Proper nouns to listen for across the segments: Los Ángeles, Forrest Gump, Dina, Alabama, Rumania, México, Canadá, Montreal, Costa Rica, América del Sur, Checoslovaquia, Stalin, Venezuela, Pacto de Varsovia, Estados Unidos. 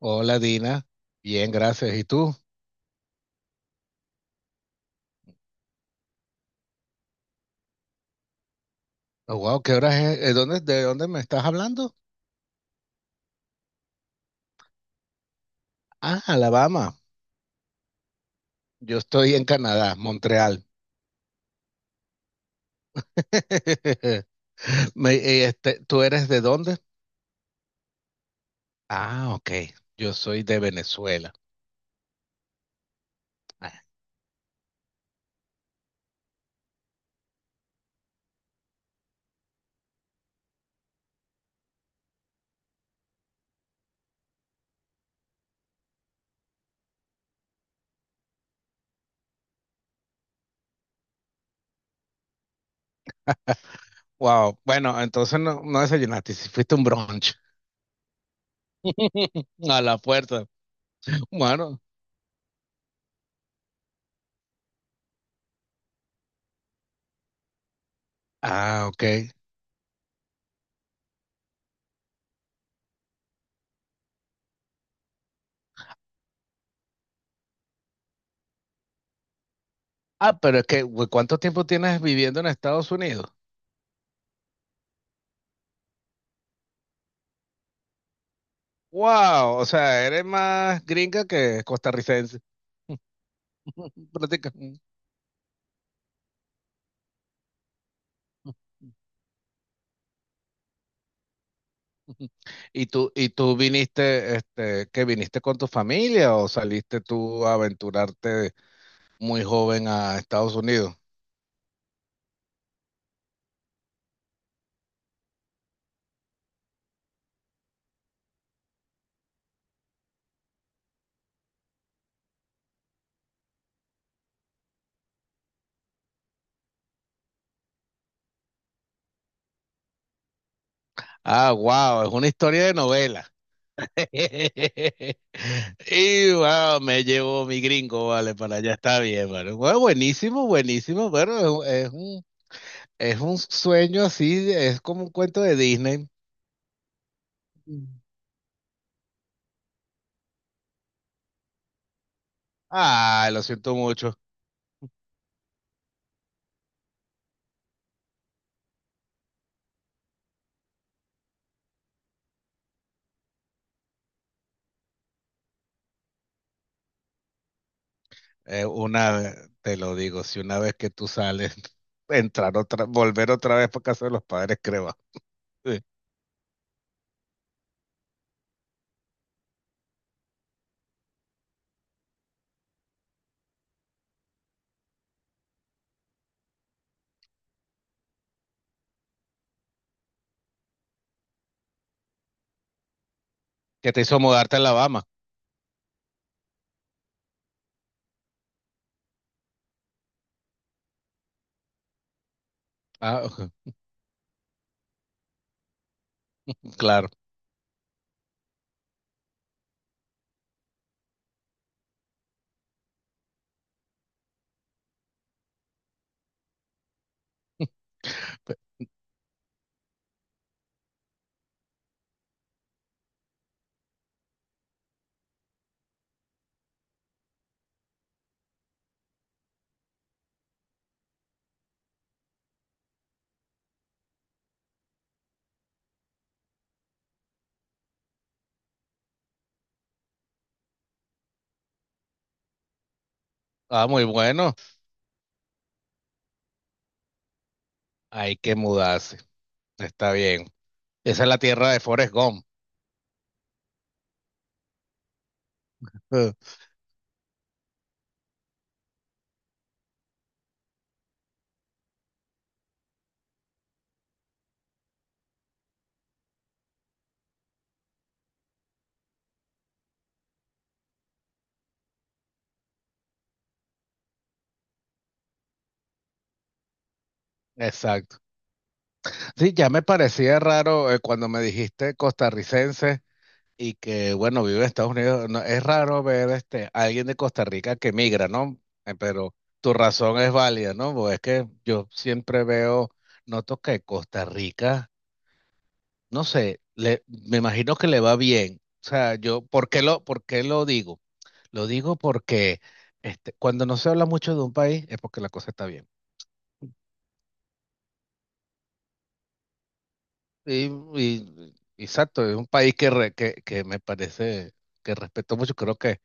Hola Dina, bien, gracias. ¿Y tú? Oh, wow, ¿qué hora es? De dónde me estás hablando? Ah, Alabama. Yo estoy en Canadá, Montreal. ¿Tú eres de dónde? Ah, ok. Yo soy de Venezuela. Ah, wow, bueno, entonces no, no desayunaste, si fuiste a un brunch a la fuerza. Bueno, ah, ok. Ah, pero es que, güey, ¿cuánto tiempo tienes viviendo en Estados Unidos? Wow, o sea, eres más gringa que costarricense. Práctica. Y tú viniste, que viniste con tu familia o saliste tú a aventurarte muy joven a Estados Unidos? Ah, wow, es una historia de novela. Y wow, me llevo mi gringo, vale, para allá está bien, vale. Bueno, buenísimo, buenísimo, bueno, es un sueño así, es como un cuento de Disney. Mm. Ah, lo siento mucho. Eh, una, Te lo digo, si una vez que tú sales, entrar otra, volver otra vez para casa de los padres, creo. Sí. Que te hizo mudarte a Alabama? Ah, claro. Ah, muy bueno. Hay que mudarse. Está bien. Esa es la tierra de Forrest Gump. Exacto. Sí, ya me parecía raro cuando me dijiste costarricense. Y que, bueno, vive en Estados Unidos. No, es raro ver a alguien de Costa Rica que migra, ¿no? Pero tu razón es válida, ¿no? Pues es que yo siempre veo, noto que Costa Rica, no sé, le, me imagino que le va bien. O sea, yo, ¿por qué lo digo? Lo digo porque cuando no se habla mucho de un país es porque la cosa está bien. Y, exacto, es un país que, que me parece que respeto mucho. Creo que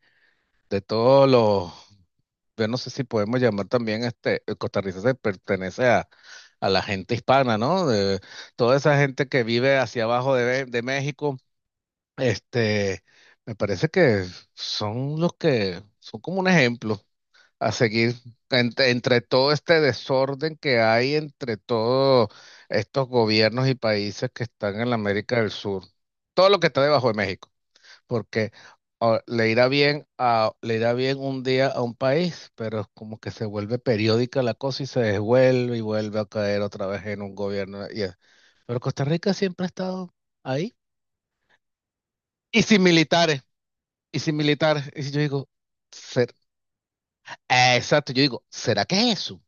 de todos los, yo no sé si podemos llamar también Costa Rica se pertenece a la gente hispana, ¿no? De, toda esa gente que vive hacia abajo de México, este, me parece que son los que son como un ejemplo a seguir entre, entre todo este desorden que hay entre todos estos gobiernos y países que están en la América del Sur, todo lo que está debajo de México porque le irá bien a, le irá bien un día a un país, pero es como que se vuelve periódica la cosa y se desvuelve y vuelve a caer otra vez en un gobierno. Pero Costa Rica siempre ha estado ahí. Y sin militares, y sin militares. Y si yo digo, ser, exacto, yo digo, ¿será que es eso?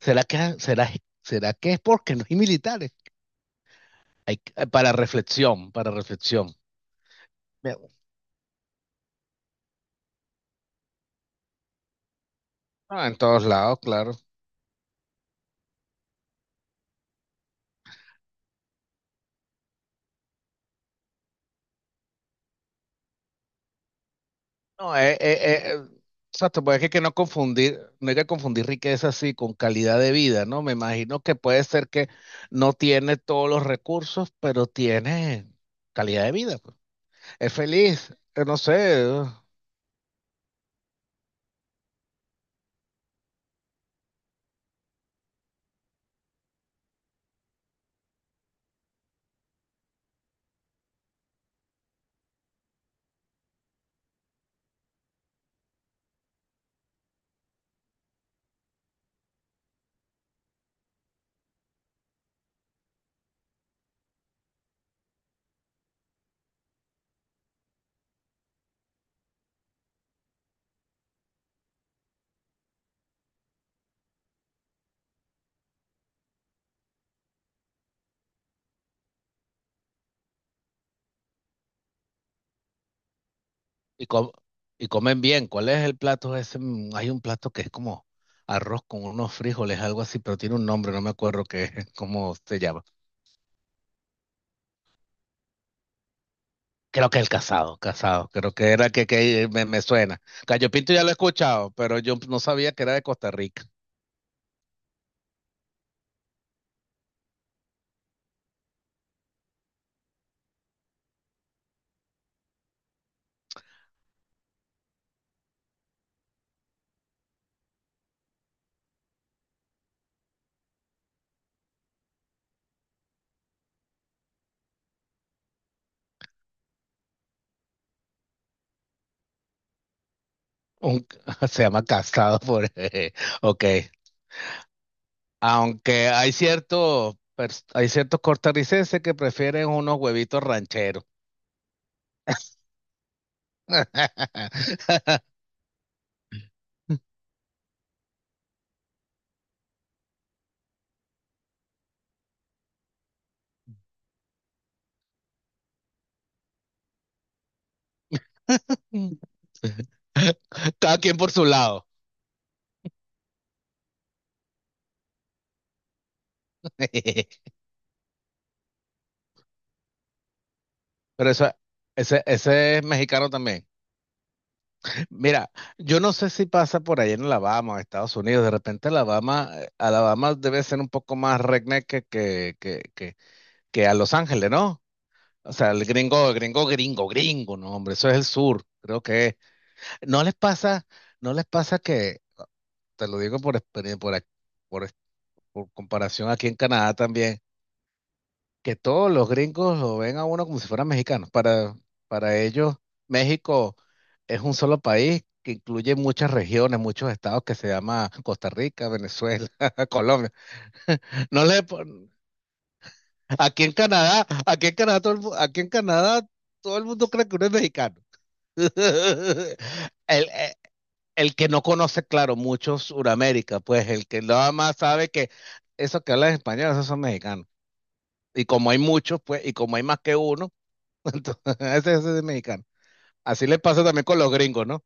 ¿Será que, será, ¿será que es porque no hay militares? Para reflexión, para reflexión. Bien. Ah, en todos lados, claro. No, exacto, pues es que no confundir, no hay que confundir riqueza así con calidad de vida, ¿no? Me imagino que puede ser que no tiene todos los recursos, pero tiene calidad de vida, pues. Es feliz, no sé, eh, y, y comen bien. ¿Cuál es el plato ese? Mm, hay un plato que es como arroz con unos frijoles, algo así, pero tiene un nombre, no me acuerdo qué, cómo se llama. Creo que el casado, casado, creo que era que, me suena. Gallo Pinto ya lo he escuchado, pero yo no sabía que era de Costa Rica. Un- se llama casado por... ok. Aunque hay ciertos, hay ciertos costarricenses que prefieren unos huevitos rancheros. Cada quien por su lado. Pero eso, ese es mexicano también. Mira, yo no sé si pasa por ahí en Alabama o Estados Unidos. De repente Alabama, Alabama debe ser un poco más redneck que que a Los Ángeles, ¿no? O sea, el gringo, el gringo, gringo, no, hombre, eso es el sur, creo que es. No les pasa, no les pasa que, te lo digo por experiencia, por, ac- por, ex- por comparación aquí en Canadá también que todos los gringos lo ven a uno como si fueran mexicanos. Para ellos, México es un solo país que incluye muchas regiones, muchos estados que se llama Costa Rica, Venezuela, Colombia. No le pon- aquí en Canadá, aquí en Canadá, todo el mundo cree que uno es mexicano. El, eh, el que no conoce, claro, mucho Suramérica, pues el que nada más sabe que esos que hablan español, esos son mexicanos. Y como hay muchos, pues, y como hay más que uno, ese es mexicano. Así le pasa también con los gringos, ¿no?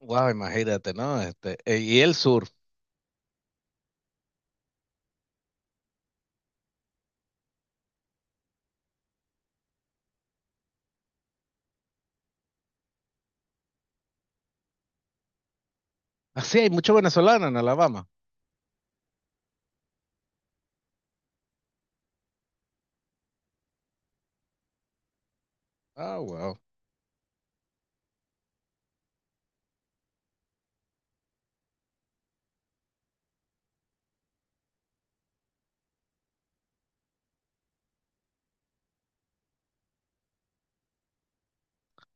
Wow, imagínate, ¿no? Este, y el sur. Así hay mucho venezolano en Alabama. Ah, wow.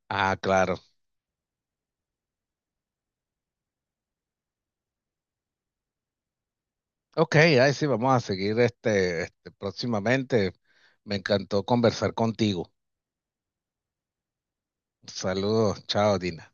Ah, claro. Ok, ahí sí, vamos a seguir este, este próximamente. Me encantó conversar contigo. Saludos, chao, Dina.